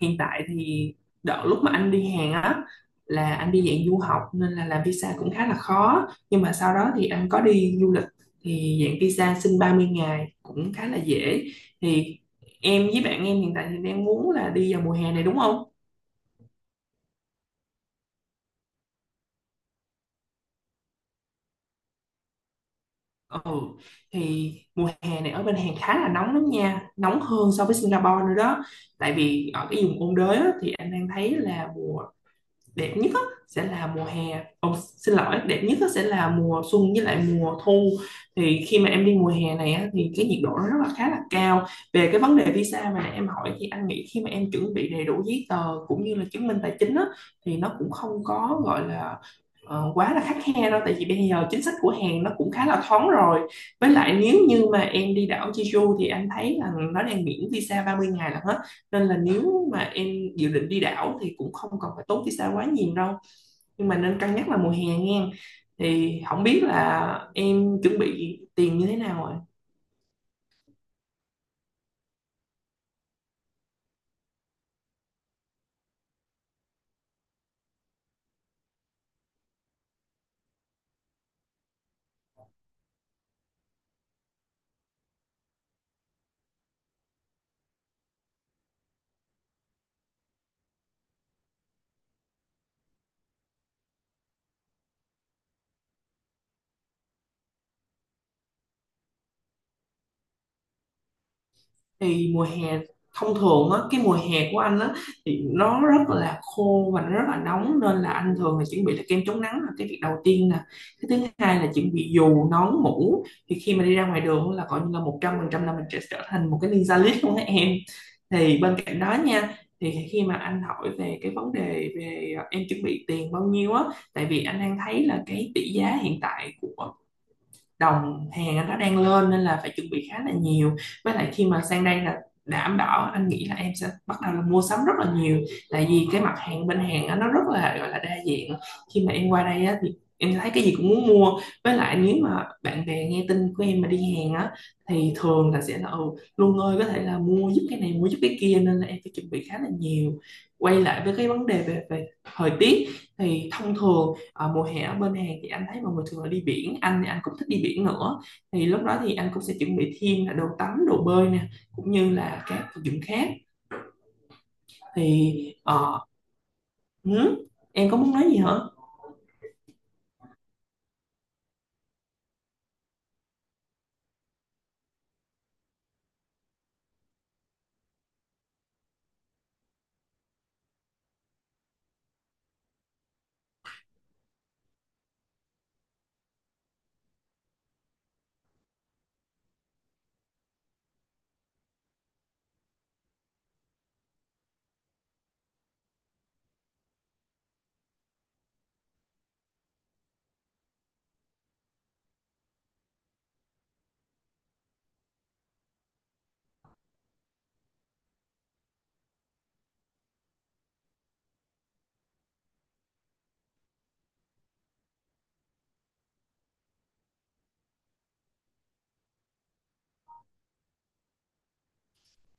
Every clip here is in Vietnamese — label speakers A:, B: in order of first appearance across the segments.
A: Hiện tại thì đợt lúc mà anh đi Hàn á, là anh đi dạng du học nên là làm visa cũng khá là khó, nhưng mà sau đó thì anh có đi du lịch thì dạng visa xin 30 ngày cũng khá là dễ. Thì em với bạn em hiện tại thì đang muốn là đi vào mùa hè này đúng không? Ừ, thì mùa hè này ở bên Hàn khá là nóng lắm nha, nóng hơn so với Singapore nữa đó, tại vì ở cái vùng ôn đới á, thì anh đang thấy là mùa đẹp nhất á, sẽ là mùa hè. Ồ, xin lỗi, đẹp nhất á, sẽ là mùa xuân với lại mùa thu. Thì khi mà em đi mùa hè này á, thì cái nhiệt độ nó rất là khá là cao. Về cái vấn đề visa mà nãy em hỏi thì anh nghĩ khi mà em chuẩn bị đầy đủ giấy tờ cũng như là chứng minh tài chính á, thì nó cũng không có gọi là quá là khắt khe đâu, tại vì bây giờ chính sách của Hàn nó cũng khá là thoáng rồi. Với lại nếu như mà em đi đảo Jeju thì anh thấy là nó đang miễn visa 30 ngày là hết, nên là nếu mà em dự định đi đảo thì cũng không cần phải tốn visa quá nhiều đâu, nhưng mà nên cân nhắc là mùa hè nha. Thì không biết là em chuẩn bị tiền như thế nào rồi. Thì mùa hè thông thường á, cái mùa hè của anh á, thì nó rất là khô và nó rất là nóng, nên là anh thường là chuẩn bị là kem chống nắng là cái việc đầu tiên nè. Cái thứ hai là chuẩn bị dù nón mũ, thì khi mà đi ra ngoài đường là coi như là một trăm phần trăm là mình sẽ trở thành một cái ninja list luôn á em. Thì bên cạnh đó nha, thì khi mà anh hỏi về cái vấn đề về, à, em chuẩn bị tiền bao nhiêu á, tại vì anh đang thấy là cái tỷ giá hiện tại của đồng hàng anh nó đang lên, nên là phải chuẩn bị khá là nhiều. Với lại khi mà sang đây là đảm bảo anh nghĩ là em sẽ bắt đầu là mua sắm rất là nhiều, tại vì cái mặt hàng bên hàng á, nó rất là gọi là đa dạng. Khi mà em qua đây á, thì em thấy cái gì cũng muốn mua, với lại nếu mà bạn bè nghe tin của em mà đi hàng á, thì thường là sẽ là ừ, Luân ơi có thể là mua giúp cái này mua giúp cái kia, nên là em phải chuẩn bị khá là nhiều. Quay lại với cái vấn đề về thời tiết, thì thông thường, ờ, mùa hè ở bên Hàn thì anh thấy mọi người thường là đi biển, anh thì anh cũng thích đi biển nữa. Thì lúc đó thì anh cũng sẽ chuẩn bị thêm là đồ tắm đồ bơi nè, cũng như là các vật dụng khác. thì ờ, ừ, em có muốn nói gì hả?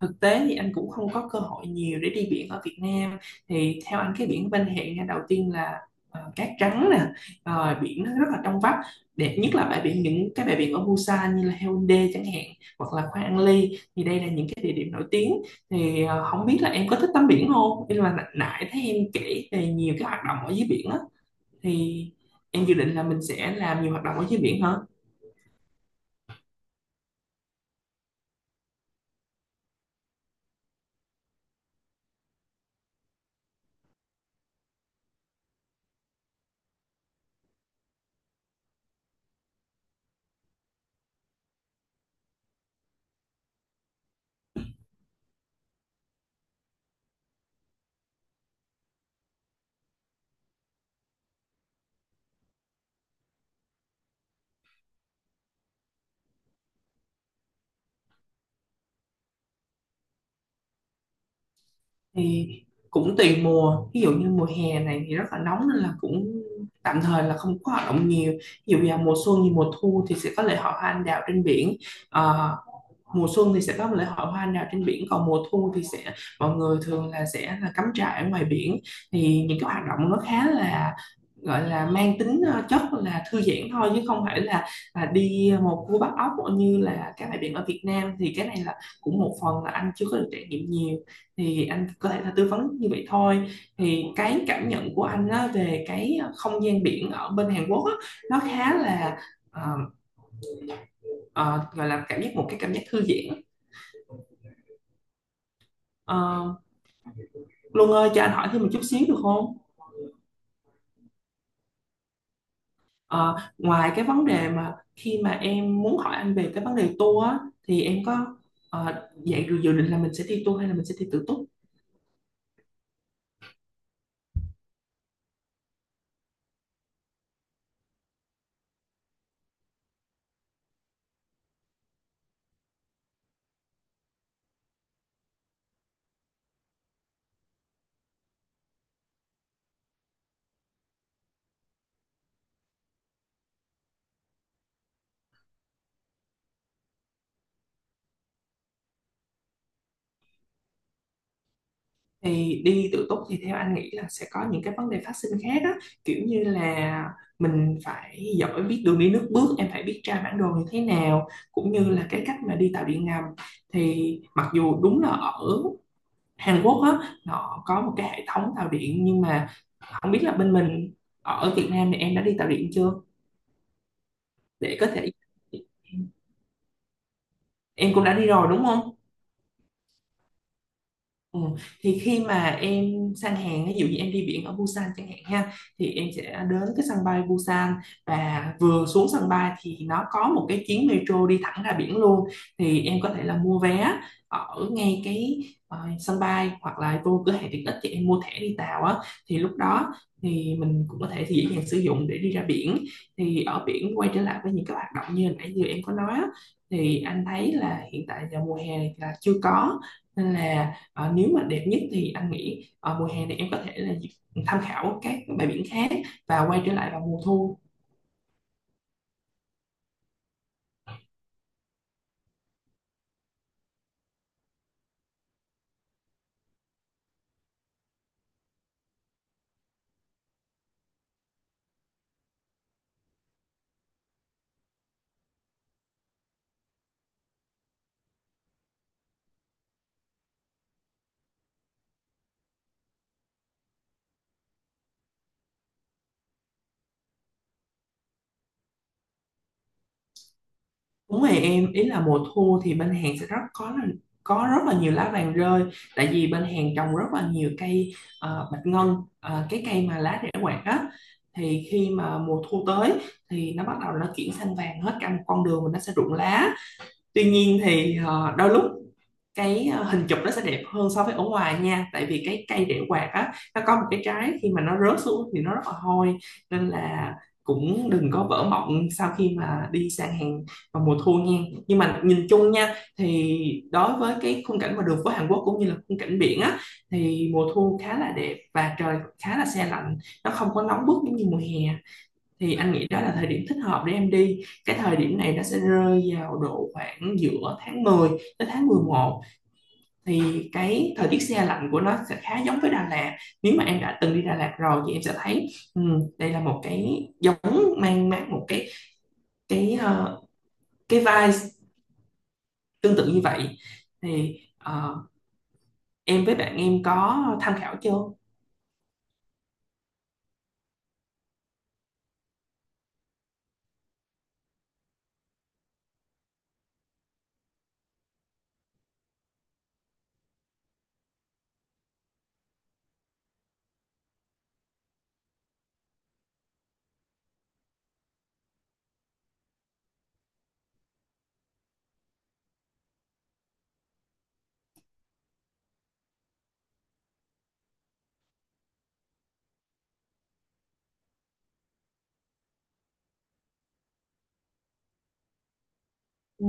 A: Thực tế thì anh cũng không có cơ hội nhiều để đi biển ở Việt Nam. Thì theo anh cái biển ven hệ nha, đầu tiên là cát trắng nè, rồi biển nó rất là trong vắt, đẹp nhất là bãi biển, những cái bãi biển ở Busan như là Haeundae chẳng hạn, hoặc là Khoang An Ly. Thì đây là những cái địa điểm nổi tiếng. Không biết là em có thích tắm biển không, nhưng mà nãy nãy thấy em kể về nhiều cái hoạt động ở dưới biển á, thì em dự định là mình sẽ làm nhiều hoạt động ở dưới biển hả? Thì cũng tùy mùa, ví dụ như mùa hè này thì rất là nóng nên là cũng tạm thời là không có hoạt động nhiều. Ví dụ vào mùa xuân như mùa thu thì sẽ có lễ hội hoa anh đào trên biển. Ờ, mùa xuân thì sẽ có lễ hội hoa anh đào trên biển, còn mùa thu thì sẽ mọi người thường là sẽ là cắm trại ở ngoài biển. Thì những cái hoạt động nó khá là gọi là mang tính chất là thư giãn thôi, chứ không phải là đi một cua bắt ốc như là các bãi biển ở Việt Nam. Thì cái này là cũng một phần là anh chưa có được trải nghiệm nhiều, thì anh có thể là tư vấn như vậy thôi. Thì cái cảm nhận của anh á, về cái không gian biển ở bên Hàn Quốc á, nó khá là ờ, ờ, gọi là cảm giác, một cái cảm giác thư giãn. Ờ, Luân ơi cho anh hỏi thêm một chút xíu được không? Ờ, ngoài cái vấn đề mà khi mà em muốn hỏi anh về cái vấn đề tour á, thì em có ờ, vậy dự dự định là mình sẽ đi tour hay là mình sẽ đi tự túc? Thì đi tự túc thì theo anh nghĩ là sẽ có những cái vấn đề phát sinh khác á, kiểu như là mình phải giỏi biết đường đi nước bước, em phải biết tra bản đồ như thế nào, cũng như là cái cách mà đi tàu điện ngầm. Thì mặc dù đúng là ở Hàn Quốc á nó có một cái hệ thống tàu điện, nhưng mà không biết là bên mình, ở Việt Nam thì em đã đi tàu điện chưa, để có thể em cũng đã đi rồi đúng không? Ừ. Thì khi mà em sang hàng, ví dụ như em đi biển ở Busan chẳng hạn ha, thì em sẽ đến cái sân bay Busan, và vừa xuống sân bay thì nó có một cái chuyến metro đi thẳng ra biển luôn. Thì em có thể là mua vé ở ngay cái sân bay, hoặc là vô cửa hàng tiện ích thì em mua thẻ đi tàu á, thì lúc đó thì mình cũng có thể thì dễ dàng sử dụng để đi ra biển. Thì ở biển, quay trở lại với những cái hoạt động như hồi nãy giờ em có nói á, thì anh thấy là hiện tại giờ mùa hè này là chưa có, nên là ờ, nếu mà đẹp nhất thì anh nghĩ mùa hè này em có thể là tham khảo các bãi biển khác, và quay trở lại vào mùa thu. Đúng rồi em, ý là mùa thu thì bên Hàn sẽ rất có là có rất là nhiều lá vàng rơi, tại vì bên Hàn trồng rất là nhiều cây bạch ngân, cái cây mà lá rễ quạt á. Thì khi mà mùa thu tới thì nó bắt đầu nó chuyển sang vàng hết cả một con đường và nó sẽ rụng lá. Tuy nhiên thì đôi lúc cái hình chụp nó sẽ đẹp hơn so với ở ngoài nha, tại vì cái cây đĩa quạt á nó có một cái trái, khi mà nó rớt xuống thì nó rất là hôi, nên là cũng đừng có vỡ mộng sau khi mà đi sang hàng vào mùa thu nha. Nhưng mà nhìn chung nha, thì đối với cái khung cảnh mà đường phố Hàn Quốc cũng như là khung cảnh biển á, thì mùa thu khá là đẹp và trời khá là se lạnh, nó không có nóng bức giống như mùa hè. Thì anh nghĩ đó là thời điểm thích hợp để em đi, cái thời điểm này nó sẽ rơi vào độ khoảng giữa tháng 10 tới tháng mười một. Thì cái thời tiết se lạnh của nó sẽ khá giống với Đà Lạt, nếu mà em đã từng đi Đà Lạt rồi thì em sẽ thấy đây là một cái giống mang mát, một cái cái ờ, cái vibe tương tự như vậy. thì ờ, em với bạn em có tham khảo chưa? Ừ.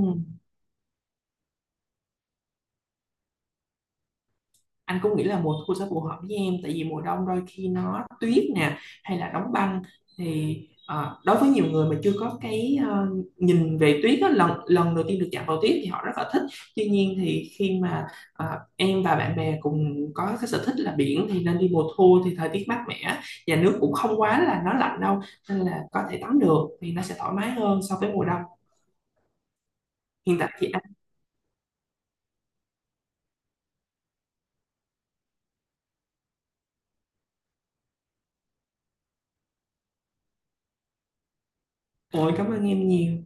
A: Anh cũng nghĩ là mùa thu sẽ phù hợp với em, tại vì mùa đông đôi khi nó tuyết nè, hay là đóng băng. thì Đối với nhiều người mà chưa có cái nhìn về tuyết á, lần lần đầu tiên được chạm vào tuyết thì họ rất là thích. Tuy nhiên thì khi mà ờ, em và bạn bè cùng có cái sở thích là biển thì nên đi mùa thu, thì thời tiết mát mẻ và nước cũng không quá là nó lạnh đâu, nên là có thể tắm được thì nó sẽ thoải mái hơn so với mùa đông. Hiện tại thì anh, ôi cảm ơn em nhiều.